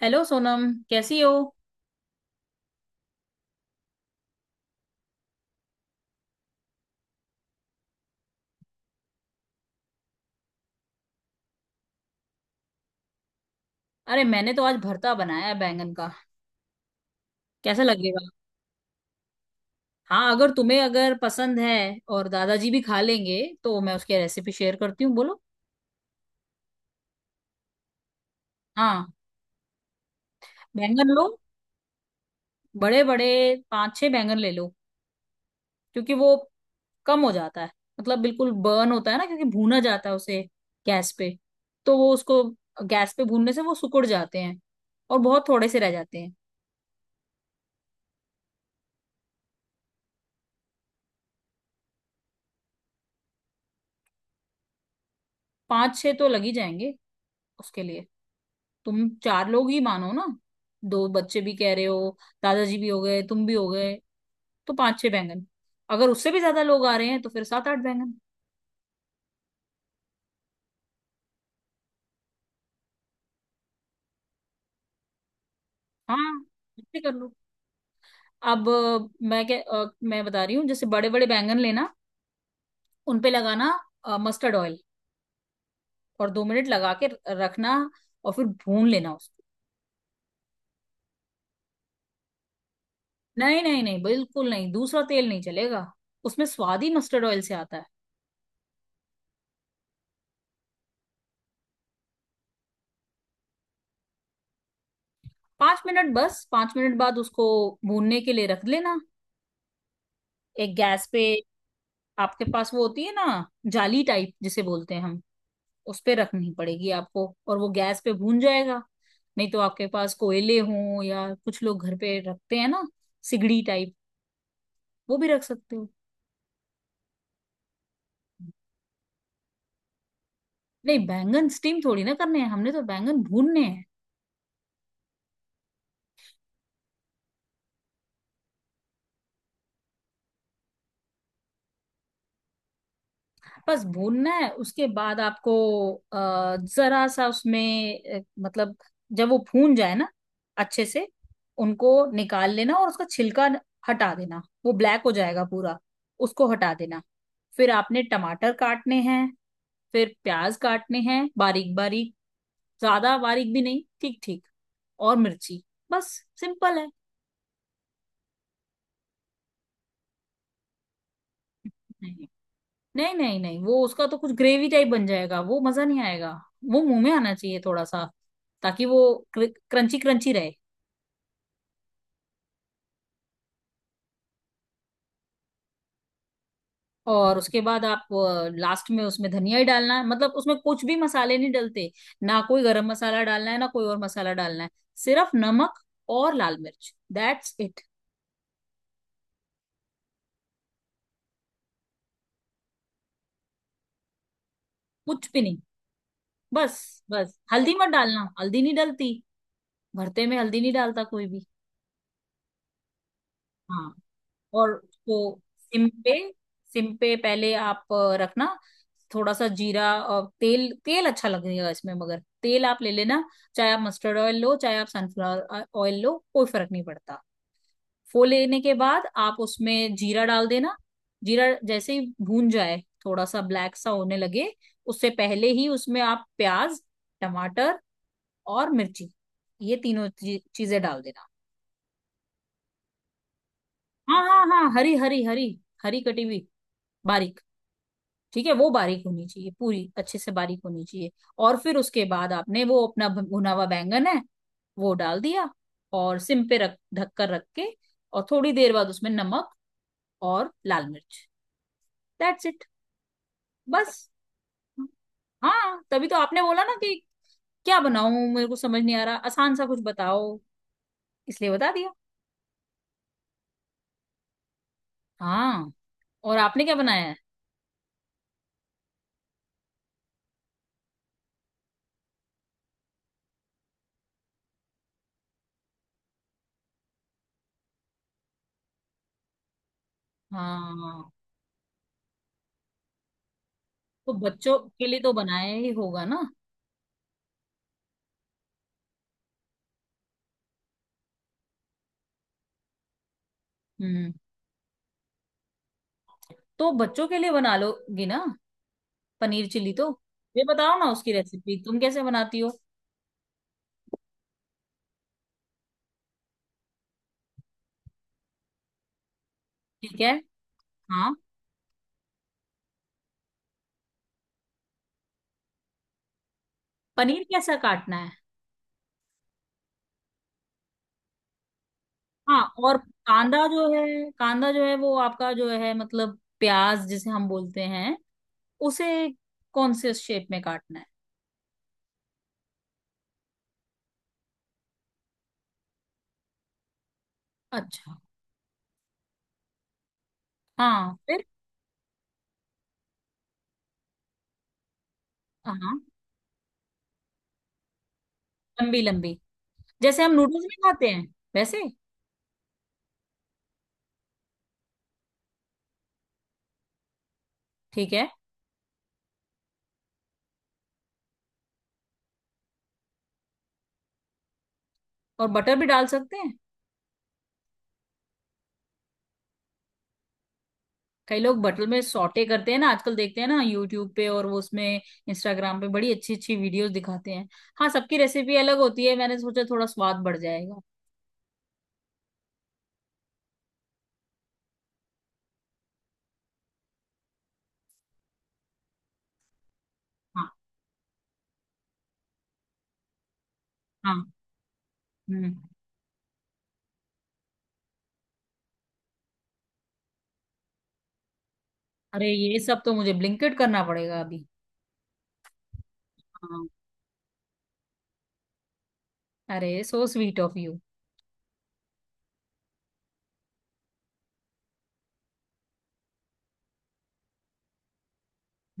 Hello Sonam. कैसी हो? अरे, मैंने तो आज भरता बनाया है बैंगन का। कैसा लगेगा? हाँ, अगर तुम्हें अगर पसंद है और दादाजी भी खा लेंगे तो मैं उसकी रेसिपी शेयर करती हूँ, बोलो। हाँ। बैंगन लो बड़े बड़े। पांच छह बैंगन ले लो, क्योंकि वो कम हो जाता है। मतलब बिल्कुल बर्न होता है ना, क्योंकि भूना जाता है उसे गैस पे। तो वो उसको गैस पे भूनने से वो सिकुड़ जाते हैं और बहुत थोड़े से रह जाते हैं। पांच छह तो लग ही जाएंगे उसके लिए। तुम चार लोग ही मानो ना। दो बच्चे भी कह रहे हो, दादाजी भी हो गए, तुम भी हो गए, तो पांच छह बैंगन। अगर उससे भी ज्यादा लोग आ रहे हैं तो फिर सात आठ बैंगन। हाँ, इतने कर लो। अब मैं क्या मैं बता रही हूँ, जैसे बड़े बड़े बैंगन लेना। उन पे लगाना मस्टर्ड ऑयल और 2 मिनट लगा के रखना। और फिर भून लेना उसको। नहीं नहीं नहीं, बिल्कुल नहीं, दूसरा तेल नहीं चलेगा। उसमें स्वाद ही मस्टर्ड ऑयल से आता है। 5 मिनट, बस 5 मिनट बाद उसको भूनने के लिए रख लेना एक गैस पे। आपके पास वो होती है ना, जाली टाइप जिसे बोलते हैं हम, उस पे रखनी पड़ेगी आपको और वो गैस पे भून जाएगा। नहीं तो आपके पास कोयले हों, या कुछ लोग घर पे रखते हैं ना सिगड़ी टाइप, वो भी रख सकते हो। नहीं, बैंगन स्टीम थोड़ी ना करने हैं हमने, तो बैंगन भूनने हैं। बस भूनना है। उसके बाद आपको जरा सा उसमें जब वो भून जाए ना अच्छे से, उनको निकाल लेना और उसका छिलका हटा देना। वो ब्लैक हो जाएगा पूरा, उसको हटा देना। फिर आपने टमाटर काटने हैं, फिर प्याज काटने हैं बारीक बारीक। ज्यादा बारीक भी नहीं, ठीक ठीक। और मिर्ची। बस, सिंपल है। नहीं नहीं नहीं, वो उसका तो कुछ ग्रेवी टाइप बन जाएगा, वो मजा नहीं आएगा। वो मुंह में आना चाहिए थोड़ा सा, ताकि वो क्रंची क्रंची रहे। और उसके बाद आप लास्ट में उसमें धनिया ही डालना है। मतलब उसमें कुछ भी मसाले नहीं डलते। ना कोई गरम मसाला डालना है, ना कोई और मसाला डालना है। सिर्फ नमक और लाल मिर्च, दैट्स इट। कुछ भी नहीं, बस। बस हल्दी मत डालना, हल्दी नहीं डलती। भरते में हल्दी नहीं डालता कोई भी। हाँ। और उसको सिम पे, सिम पे पहले आप रखना थोड़ा सा जीरा और तेल। तेल अच्छा लगेगा इसमें, मगर तेल आप ले लेना। चाहे आप मस्टर्ड ऑयल लो, चाहे आप सनफ्लावर ऑयल लो, कोई फर्क नहीं पड़ता। फो लेने के बाद आप उसमें जीरा डाल देना। जीरा जैसे ही भून जाए, थोड़ा सा ब्लैक सा होने लगे, उससे पहले ही उसमें आप प्याज, टमाटर और मिर्ची, ये तीनों चीजें डाल देना। हाँ हाँ हाँ, हरी हरी हरी, हरी कटी हुई बारीक। ठीक है, वो बारीक होनी चाहिए पूरी, अच्छे से बारीक होनी चाहिए। और फिर उसके बाद आपने वो अपना भुना हुआ बैंगन है, वो डाल दिया, और सिम पे रख, ढककर रख के। और थोड़ी देर बाद उसमें नमक और लाल मिर्च, दैट्स इट। बस। हाँ, तभी तो आपने बोला ना कि क्या बनाऊं, मेरे को समझ नहीं आ रहा, आसान सा कुछ बताओ, इसलिए बता दिया। हाँ। और आपने क्या बनाया है? हाँ। तो बच्चों के लिए तो बनाया ही होगा ना। हम्म। तो बच्चों के लिए बना लोगी ना पनीर चिली? तो ये बताओ ना, उसकी रेसिपी तुम कैसे बनाती हो। ठीक है। हाँ। पनीर कैसा काटना है? हाँ। और कांदा जो है, कांदा जो है वो आपका जो है, मतलब प्याज जिसे हम बोलते हैं, उसे कौन से शेप में काटना है? अच्छा। हाँ, फिर? हाँ, लंबी लंबी, जैसे हम नूडल्स में खाते हैं वैसे। ठीक है। और बटर भी डाल सकते हैं। कई लोग बटल में सॉटे करते हैं ना, आजकल देखते हैं ना यूट्यूब पे, और वो उसमें इंस्टाग्राम पे बड़ी अच्छी अच्छी वीडियोस दिखाते हैं। हाँ, सबकी रेसिपी अलग होती है, मैंने सोचा थोड़ा स्वाद बढ़ जाएगा। हाँ। हाँ। हम्म। अरे, ये सब तो मुझे ब्लिंकिट करना पड़ेगा अभी। हाँ। अरे, सो स्वीट ऑफ यू।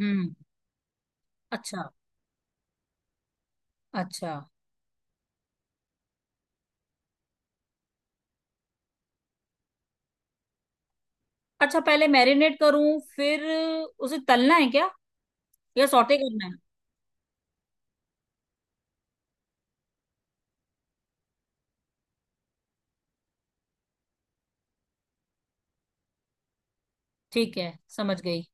हम्म। अच्छा अच्छा अच्छा, पहले मैरिनेट करूं, फिर उसे तलना है क्या, या सॉटे करना है? ठीक है, समझ गई।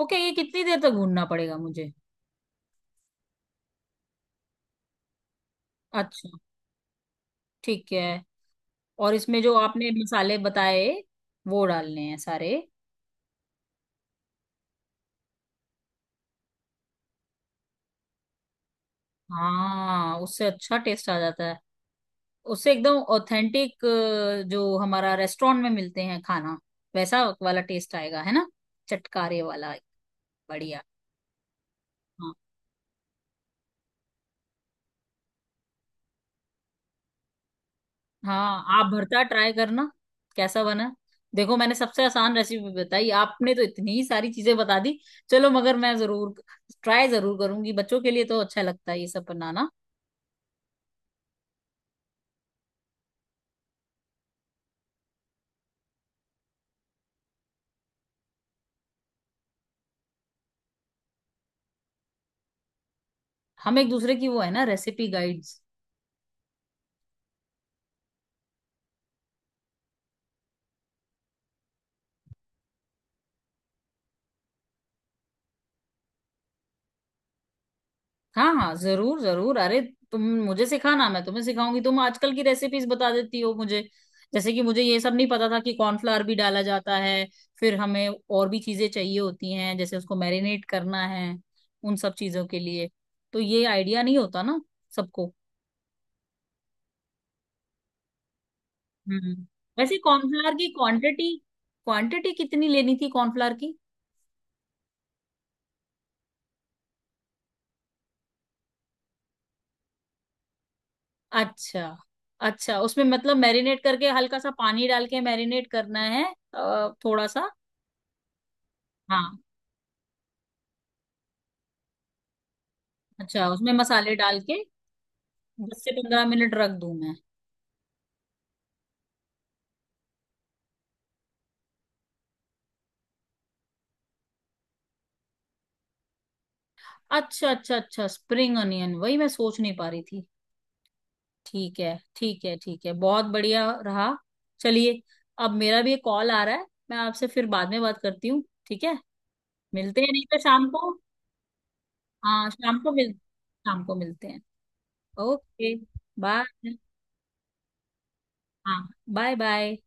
ओके, ये कितनी देर तक भूनना पड़ेगा मुझे? अच्छा। ठीक है। और इसमें जो आपने मसाले बताए, वो डालने हैं सारे? हाँ, उससे अच्छा टेस्ट आ जाता है। उससे एकदम ऑथेंटिक, जो हमारा रेस्टोरेंट में मिलते हैं खाना, वैसा वाला टेस्ट आएगा, है ना, चटकारे वाला। बढ़िया। हाँ हाँ, आप भरता ट्राई करना। कैसा बना? देखो, मैंने सबसे आसान रेसिपी बताई, आपने तो इतनी सारी चीजें बता दी। चलो, मगर मैं जरूर ट्राई जरूर करूंगी, बच्चों के लिए तो अच्छा लगता है ये सब बनाना। हम एक दूसरे की वो है ना, रेसिपी गाइड। हाँ हाँ, जरूर जरूर। अरे, तुम मुझे सिखाना, मैं तुम्हें सिखाऊंगी। तुम आजकल की रेसिपीज बता देती हो मुझे, जैसे कि मुझे ये सब नहीं पता था कि कॉर्नफ्लावर भी डाला जाता है। फिर हमें और भी चीजें चाहिए होती हैं, जैसे उसको मैरिनेट करना है, उन सब चीजों के लिए तो ये आइडिया नहीं होता ना सबको। हम्म। वैसे कॉर्नफ्लावर की क्वांटिटी, क्वांटिटी कितनी लेनी थी कॉर्नफ्लावर की? अच्छा। अच्छा, उसमें मतलब मैरिनेट करके हल्का सा पानी डाल के मैरिनेट करना है थोड़ा सा। हाँ। अच्छा, उसमें मसाले डाल के 10 से 15 मिनट रख दूं मैं? अच्छा अच्छा अच्छा, स्प्रिंग अनियन, वही मैं सोच नहीं पा रही थी। ठीक है ठीक है ठीक है, बहुत बढ़िया रहा। चलिए, अब मेरा भी एक कॉल आ रहा है, मैं आपसे फिर बाद में बात करती हूँ, ठीक है? मिलते हैं नहीं तो शाम को। हाँ, शाम को मिलते हैं। ओके। बाय। हाँ, बाय बाय।